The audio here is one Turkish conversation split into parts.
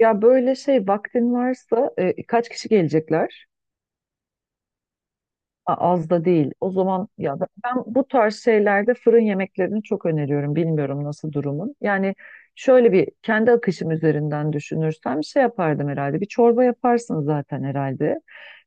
Ya böyle şey vaktin varsa kaç kişi gelecekler? A- Az da değil. O zaman ya ben bu tarz şeylerde fırın yemeklerini çok öneriyorum. Bilmiyorum nasıl durumun. Yani şöyle bir kendi akışım üzerinden düşünürsem şey yapardım herhalde. Bir çorba yaparsın zaten herhalde.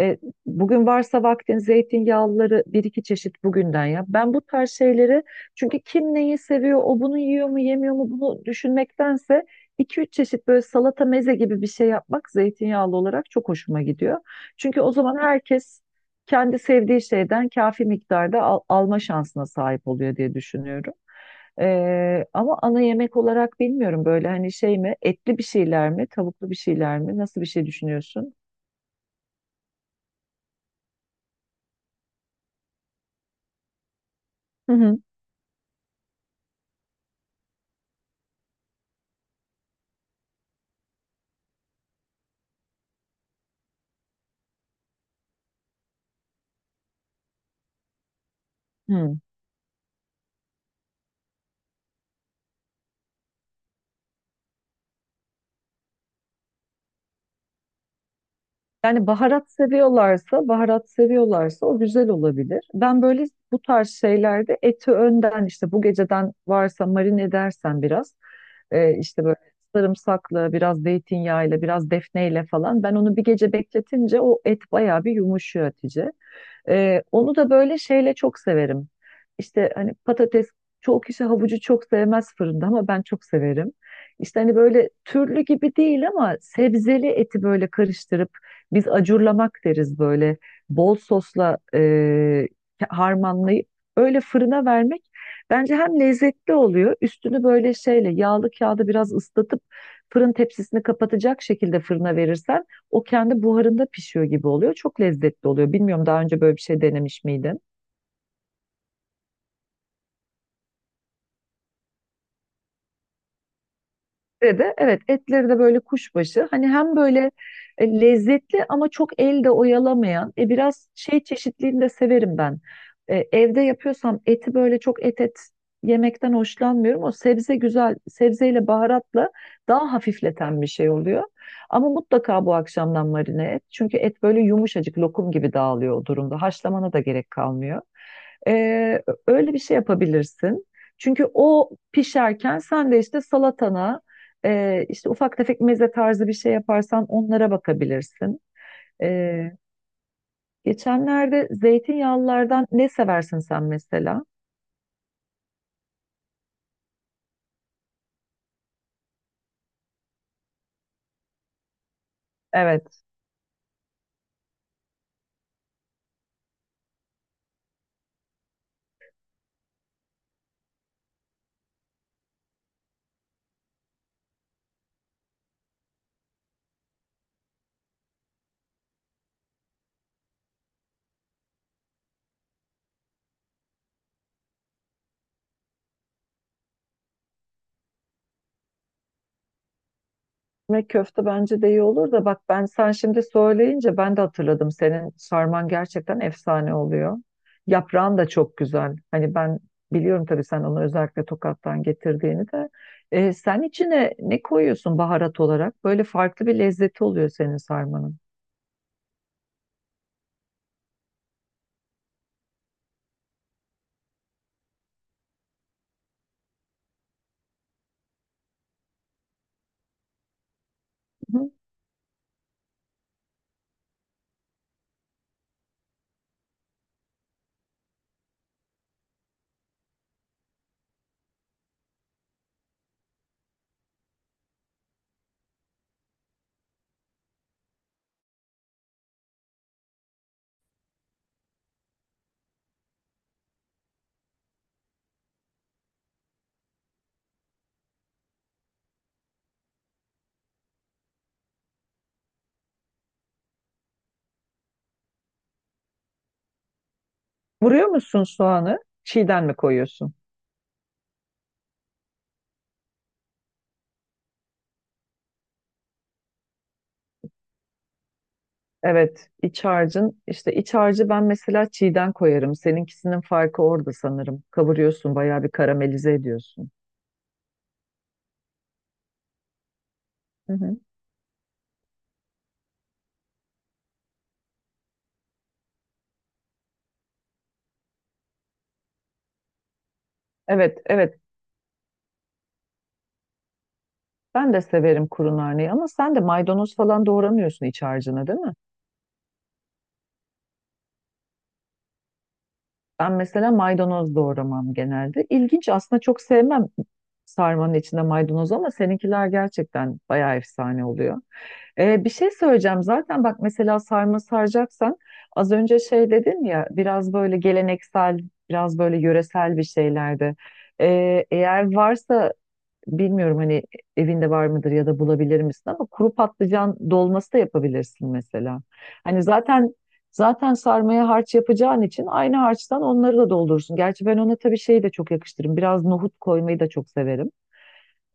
E, Bugün varsa vaktin zeytinyağlıları bir iki çeşit bugünden yap. Ben bu tarz şeyleri çünkü kim neyi seviyor, o bunu yiyor mu, yemiyor mu bunu düşünmektense iki üç çeşit böyle salata meze gibi bir şey yapmak zeytinyağlı olarak çok hoşuma gidiyor. Çünkü o zaman herkes kendi sevdiği şeyden kafi miktarda alma şansına sahip oluyor diye düşünüyorum. Ama ana yemek olarak bilmiyorum böyle hani şey mi, etli bir şeyler mi, tavuklu bir şeyler mi, nasıl bir şey düşünüyorsun? Hı hı. Hmm. Yani baharat seviyorlarsa, baharat seviyorlarsa o güzel olabilir. Ben böyle bu tarz şeylerde eti önden işte bu geceden varsa marine edersen biraz, işte böyle sarımsakla, biraz zeytinyağıyla, biraz defneyle falan, ben onu bir gece bekletince o et bayağı bir yumuşuyor Hatice. Onu da böyle şeyle çok severim. İşte hani patates, çoğu kişi havucu çok sevmez fırında ama ben çok severim. İşte hani böyle türlü gibi değil ama sebzeli eti böyle karıştırıp, biz acurlamak deriz, böyle bol sosla harmanlayıp öyle fırına vermek bence hem lezzetli oluyor. Üstünü böyle şeyle, yağlı kağıda biraz ıslatıp fırın tepsisini kapatacak şekilde fırına verirsen o kendi buharında pişiyor gibi oluyor. Çok lezzetli oluyor. Bilmiyorum, daha önce böyle bir şey denemiş miydin? Ve de evet, etleri de böyle kuşbaşı. Hani hem böyle lezzetli ama çok elde oyalamayan. Biraz şey, çeşitliliğini de severim ben. Evde yapıyorsam eti böyle çok et yemekten hoşlanmıyorum. O sebze güzel, sebzeyle baharatla daha hafifleten bir şey oluyor. Ama mutlaka bu akşamdan marine et. Çünkü et böyle yumuşacık lokum gibi dağılıyor o durumda. Haşlamana da gerek kalmıyor. Ee, Öyle bir şey yapabilirsin. Çünkü o pişerken sen de işte salatana işte ufak tefek meze tarzı bir şey yaparsan onlara bakabilirsin. Ee, Geçenlerde zeytinyağlılardan ne seversin sen mesela? Evet. Ekmek köfte bence de iyi olur da, bak ben sen şimdi söyleyince ben de hatırladım. Senin sarman gerçekten efsane oluyor. Yaprağın da çok güzel. Hani ben biliyorum tabii, sen onu özellikle Tokat'tan getirdiğini de. Sen içine ne koyuyorsun baharat olarak? Böyle farklı bir lezzeti oluyor senin sarmanın. Hı. Vuruyor musun soğanı? Çiğden mi koyuyorsun? Evet, iç harcın, işte iç harcı ben mesela çiğden koyarım. Seninkisinin farkı orada sanırım. Kavuruyorsun, bayağı bir karamelize ediyorsun. Hı hı. Evet, evet. Ben de severim kuru narneyi ama sen de maydanoz falan doğramıyorsun iç harcına, değil mi? Ben mesela maydanoz doğramam genelde. İlginç, aslında çok sevmem sarmanın içinde maydanoz, ama seninkiler gerçekten bayağı efsane oluyor. Bir şey söyleyeceğim, zaten bak mesela sarma saracaksan, az önce şey dedin ya biraz böyle geleneksel, biraz böyle yöresel bir şeylerde. Eğer varsa, bilmiyorum hani evinde var mıdır ya da bulabilir misin ama, kuru patlıcan dolması da yapabilirsin mesela. Hani zaten sarmaya harç yapacağın için aynı harçtan onları da doldurursun. Gerçi ben ona tabii şeyi de çok yakıştırırım. Biraz nohut koymayı da çok severim.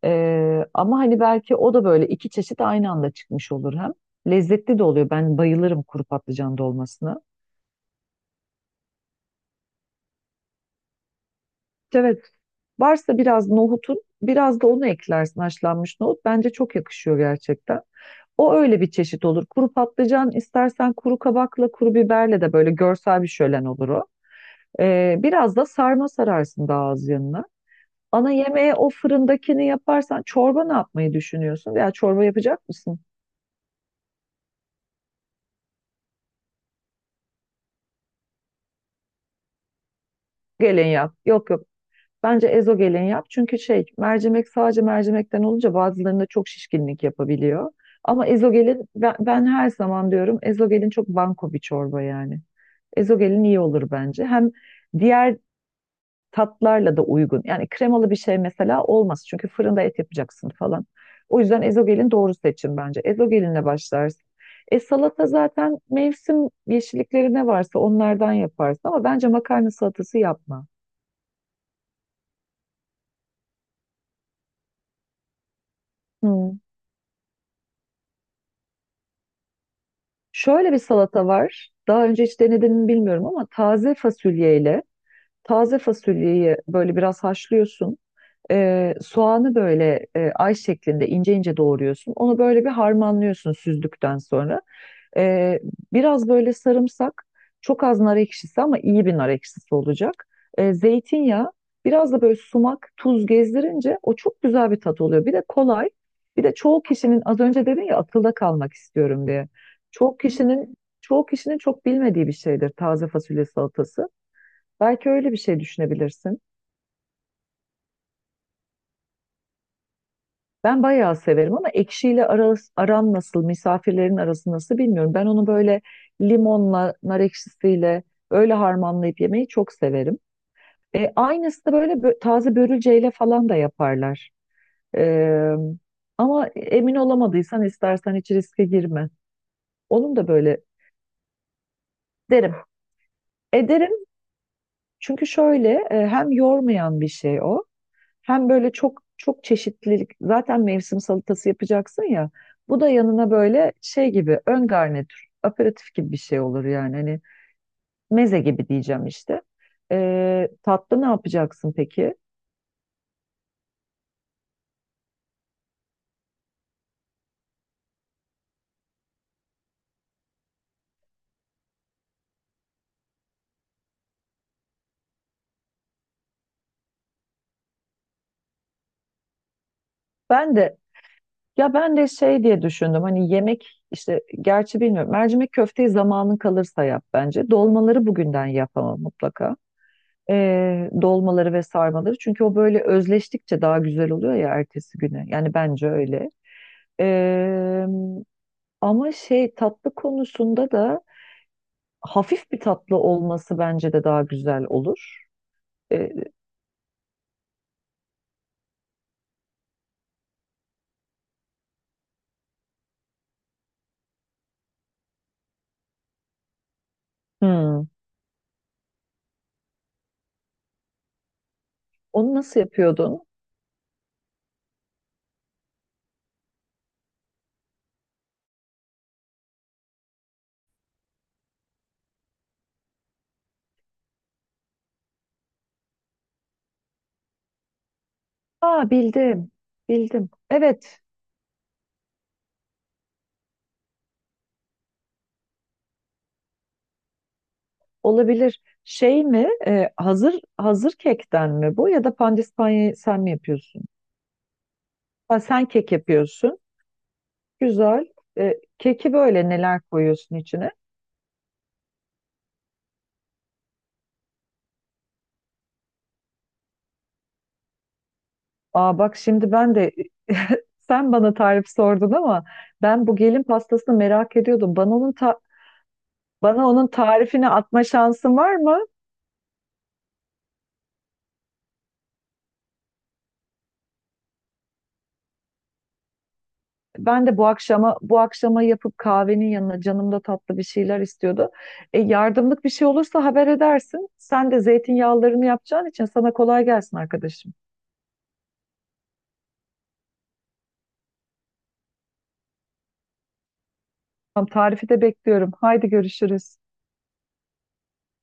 Ama hani belki o da böyle iki çeşit aynı anda çıkmış olur hem. Lezzetli de oluyor. Ben bayılırım kuru patlıcan dolmasına. Evet. Varsa biraz nohutun, biraz da onu eklersin, haşlanmış nohut. Bence çok yakışıyor gerçekten. O öyle bir çeşit olur. Kuru patlıcan istersen kuru kabakla, kuru biberle de böyle görsel bir şölen olur o. Biraz da sarma sararsın daha az yanına. Ana yemeğe o fırındakini yaparsan, çorba ne yapmayı düşünüyorsun? Veya çorba yapacak mısın? Gelin yap. Yok yok. Bence ezo gelin yap. Çünkü şey, mercimek sadece mercimekten olunca bazılarında çok şişkinlik yapabiliyor. Ama ezogelin, ben her zaman diyorum ezogelin çok banko bir çorba yani. Ezogelin iyi olur bence. Hem diğer tatlarla da uygun. Yani kremalı bir şey mesela olmaz. Çünkü fırında et yapacaksın falan. O yüzden ezogelin doğru seçim bence. Ezogelinle başlarsın. E salata zaten mevsim yeşillikleri ne varsa onlardan yaparsın ama bence makarna salatası yapma. Hmm. Şöyle bir salata var. Daha önce hiç denedin mi bilmiyorum ama, taze fasulyeyle, taze fasulyeyi böyle biraz haşlıyorsun. Soğanı böyle ay şeklinde ince ince doğruyorsun. Onu böyle bir harmanlıyorsun süzdükten sonra. Ee, Biraz böyle sarımsak, çok az nar ekşisi ama iyi bir nar ekşisi olacak. Zeytinyağı, biraz da böyle sumak, tuz gezdirince o çok güzel bir tat oluyor. Bir de kolay. Bir de çoğu kişinin, az önce dedin ya akılda kalmak istiyorum diye. Çoğu kişinin çoğu kişinin çok bilmediği bir şeydir taze fasulye salatası. Belki öyle bir şey düşünebilirsin. Ben bayağı severim ama ekşiyle aram nasıl, misafirlerin arası nasıl bilmiyorum. Ben onu böyle limonla, nar ekşisiyle öyle harmanlayıp yemeyi çok severim. Aynısı da böyle taze börülceyle falan da yaparlar. E, Ama emin olamadıysan istersen hiç riske girme. Onun da böyle derim. Ederim, çünkü şöyle hem yormayan bir şey o. Hem böyle çok çok çeşitlilik, zaten mevsim salatası yapacaksın ya. Bu da yanına böyle şey gibi ön garnitür, aperatif gibi bir şey olur yani. Hani meze gibi diyeceğim işte. Tatlı ne yapacaksın peki? Ben de, ya ben de şey diye düşündüm. Hani yemek işte, gerçi bilmiyorum. Mercimek köfteyi zamanın kalırsa yap bence. Dolmaları bugünden yap ama mutlaka. Dolmaları ve sarmaları. Çünkü o böyle özleştikçe daha güzel oluyor ya ertesi güne. Yani bence öyle. Eee, Ama şey, tatlı konusunda da hafif bir tatlı olması bence de daha güzel olur. Eee, hmm. Onu nasıl yapıyordun? Aa, bildim. Bildim. Evet, olabilir. Şey mi? Hazır kekten mi bu, ya da pandispanyayı sen mi yapıyorsun? Ha, sen kek yapıyorsun. Güzel. Keki böyle neler koyuyorsun içine? Aa bak, şimdi ben de, sen bana tarif sordun ama ben bu gelin pastasını merak ediyordum. Bana onun bana onun tarifini atma şansın var mı? Ben de bu akşama yapıp kahvenin yanına, canım da tatlı bir şeyler istiyordu. E, yardımlık bir şey olursa haber edersin. Sen de zeytinyağlarını yapacağın için sana kolay gelsin arkadaşım. Tamam, tarifi de bekliyorum. Haydi görüşürüz.